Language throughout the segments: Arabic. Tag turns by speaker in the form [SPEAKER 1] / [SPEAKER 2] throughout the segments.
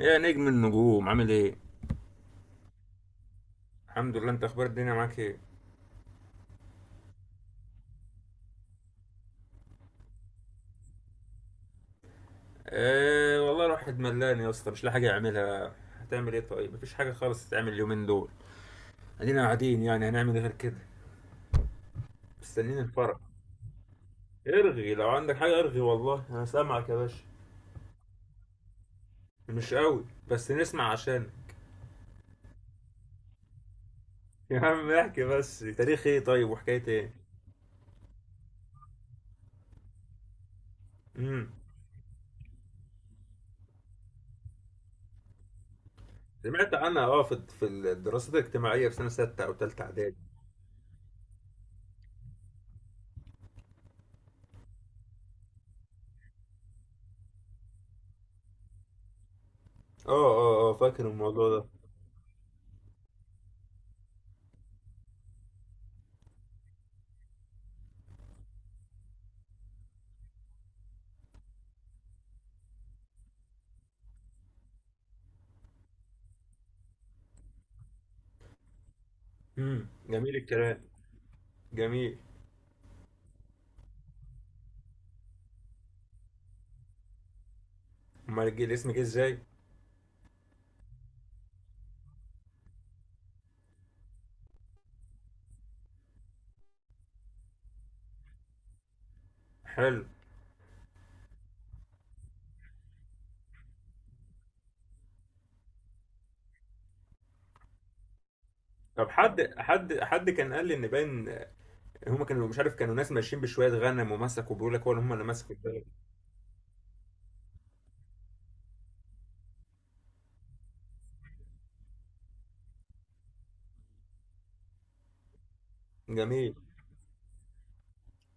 [SPEAKER 1] يا نجم النجوم عامل ايه؟ الحمد لله. انت اخبار الدنيا معاك ايه؟ آه والله الواحد ملان يا اسطى، مش لاقي حاجه يعملها. هتعمل ايه طيب؟ مفيش حاجه خالص تتعمل اليومين دول. ادينا قاعدين، يعني هنعمل ايه غير كده؟ مستنيين الفرح. ارغي لو عندك حاجه ارغي، والله انا سامعك يا باشا. مش قوي، بس نسمع عشان يا عم احكي بس، تاريخ ايه طيب وحكايه ايه؟ امم سمعت عنها، اه، في الدراسات الاجتماعيه في سنه سته او ثالثه اعدادي. اه فاكر الموضوع ده. جميل الكلام. جميل. امال جه الاسم جه ازاي؟ حلو. طب، حد كان قال لي ان باين هم كانوا، مش عارف، كانوا ناس ماشيين بشويه غنم ومسكوا، بيقول لك هو هم اللي مسكوا البلد. جميل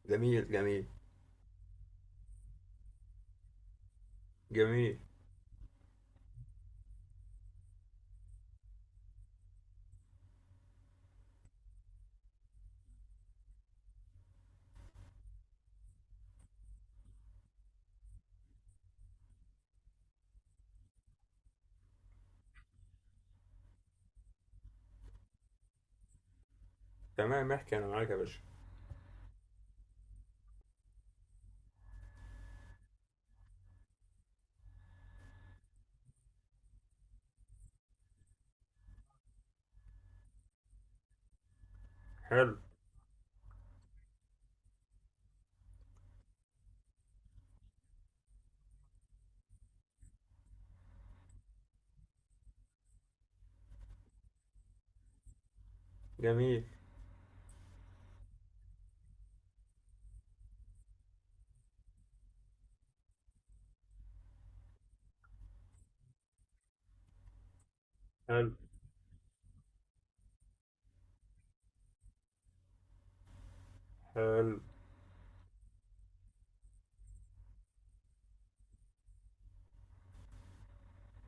[SPEAKER 1] جميل جميل جميل. تمام، احكي انا معاك يا باشا. حلو. جميل. حلو حلو.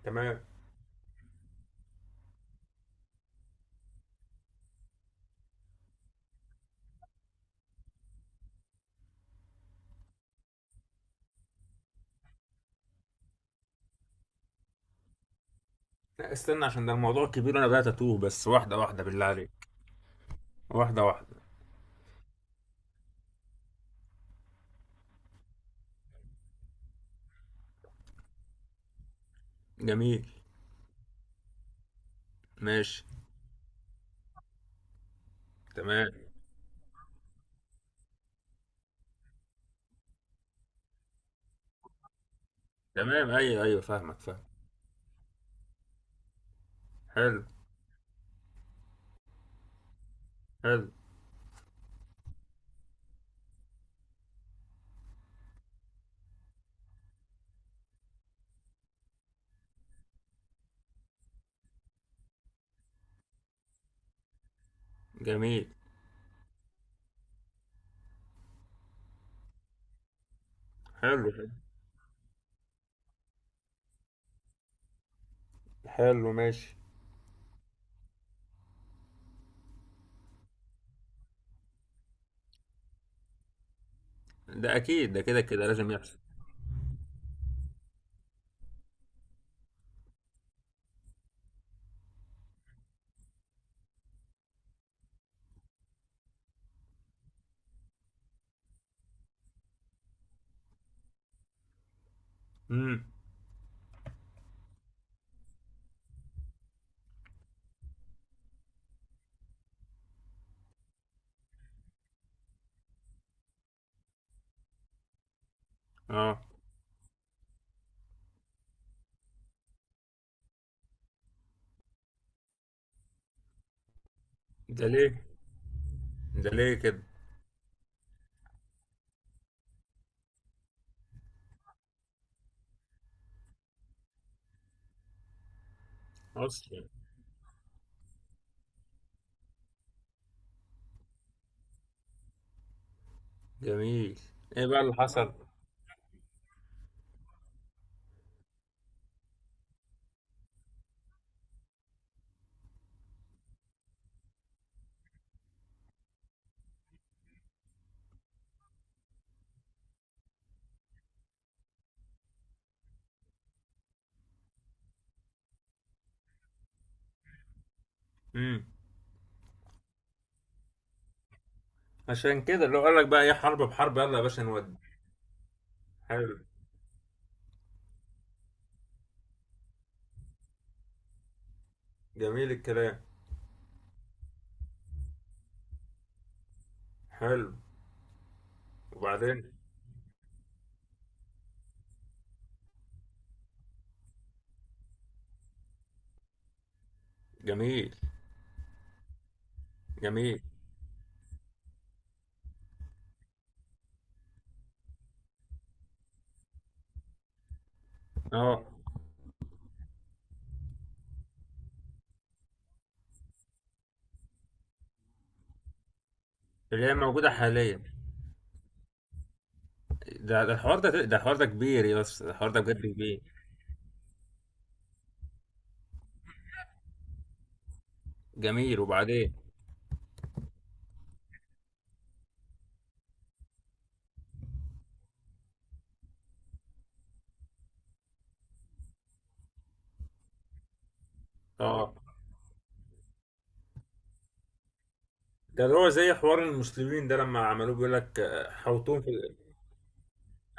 [SPEAKER 1] تمام. لا، استنى، عشان ده الموضوع كبير، انا بدات اتوه، بس واحده واحده بالله عليك. واحده واحده. جميل. ماشي. تمام تمام، ايوه ايوه، فاهمك. حلو. حلو. جميل. حلو حلو. حلو، ماشي. ده اكيد، ده كده كده لازم يحصل. امم اه. ده ليه؟ ده ليه كده؟ اصلا. جميل. ايه بقى اللي حصل؟ امم عشان كده، لو قال لك بقى ايه، حرب بحرب، يلا يا باشا نودي. حلو. جميل الكلام. حلو. وبعدين؟ جميل. جميل. اه. اللي هي موجوده حاليا. ده ده الحوار ده، ده الحوار ده كبير يا اسطى، ده الحوار ده بجد كبير. جميل، وبعدين؟ اه، ده اللي هو زي حوار المسلمين ده لما عملوه، بيقول لك، حوطوهم في.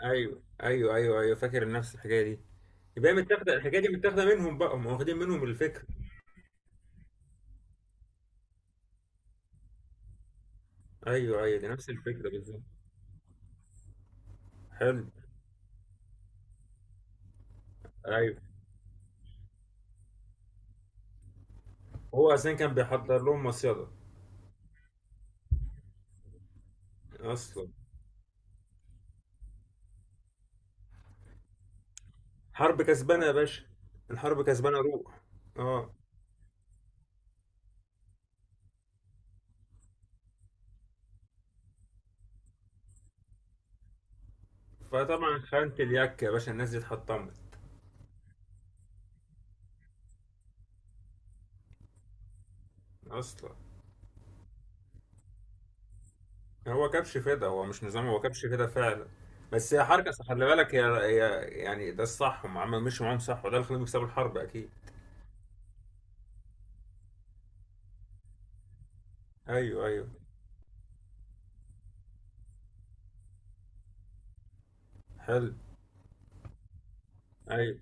[SPEAKER 1] ايوه ايوه ايوه ايوه، فاكر نفس الحكايه دي. يبقى هي متاخده الحكايه دي، متاخده منهم بقى، هم واخدين منهم الفكره. ايوه ايوه، دي نفس الفكره بالظبط. حلو. ايوه. هو اصلا كان بيحضر لهم مصيده. اصلا. حرب كسبانه يا باشا. الحرب كسبانه، روح. اه. فطبعا خانت اليك يا باشا، الناس دي اتحطمت. اصلا. هو كبش فدا، هو مش نظام، هو كبش فدا فعلا. بس هي حركه صح، خلي بالك، هي يعني ده الصح، هم عملوا مشوا معاهم صح، وده اللي خلاهم يكسبوا الحرب اكيد. ايوه ايوه. حلو. ايوه.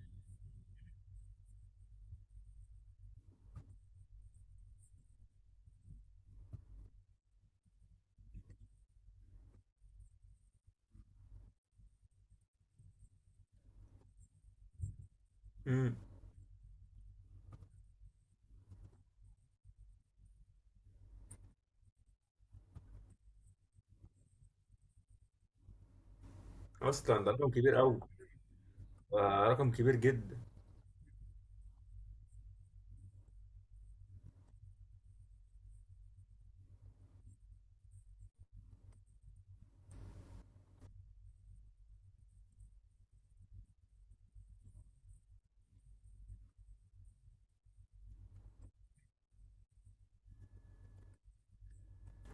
[SPEAKER 1] امم اصلا ده رقم كبير قوي. آه رقم كبير جدا.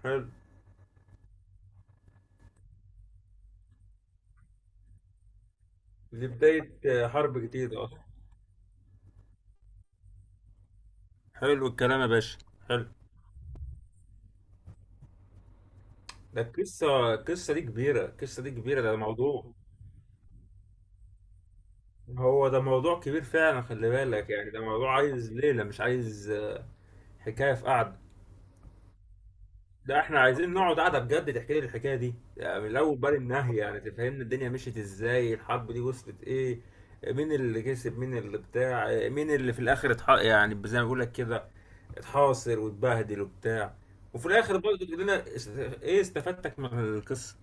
[SPEAKER 1] حلو. دي بداية، حرب جديدة اصلا. حلو الكلام يا باشا. حلو. ده القصة، القصة دي كبيرة، القصة دي كبيرة، ده موضوع. هو ده موضوع كبير فعلا، خلي بالك، يعني ده موضوع عايز ليلة، مش عايز حكاية في قعدة. ده احنا عايزين نقعد قعده بجد تحكي لي الحكايه دي يعني من الاول بقى النهي، يعني تفهمنا الدنيا مشيت ازاي، الحرب دي وصلت ايه، مين اللي كسب، مين اللي بتاع، مين اللي في الاخر يعني زي ما بقول لك كده، اتحاصر واتبهدل وبتاع، وفي الاخر برضه تقول لنا ايه استفدتك من القصه.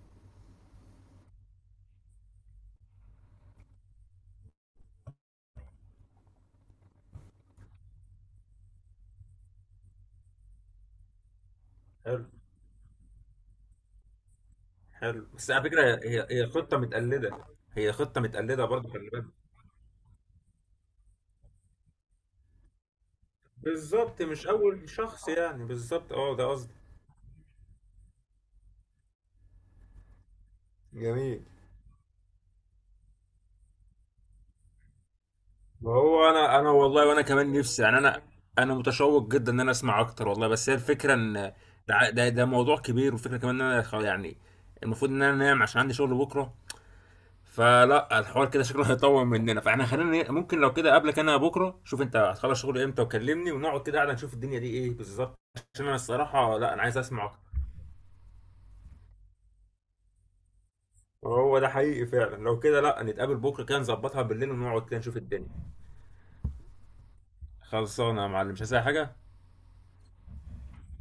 [SPEAKER 1] حلو. حلو، بس على فكره، هي خطه متقلده، هي خطه متقلده برضه، خلي بالك. بالظبط، مش اول شخص، يعني بالظبط، اه ده قصدي. جميل. ما هو انا والله، وانا كمان نفسي، يعني انا، انا متشوق جدا ان انا اسمع اكتر والله، بس هي الفكره ان ده موضوع كبير، والفكره كمان ان انا يعني المفروض ان انا انام عشان عندي شغل بكره. فلا، الحوار كده شكله هيطول مننا، فاحنا خلينا ممكن لو كده قبلك، انا بكره شوف انت هتخلص شغل امتى وكلمني، ونقعد كده قاعده نشوف الدنيا دي ايه بالظبط، عشان انا الصراحه لا، انا عايز اسمع اكتر. هو ده حقيقي فعلا، لو كده لا نتقابل بكره كده نظبطها بالليل، ونقعد كده نشوف الدنيا. خلصانه يا معلم، مش عايز أي حاجه.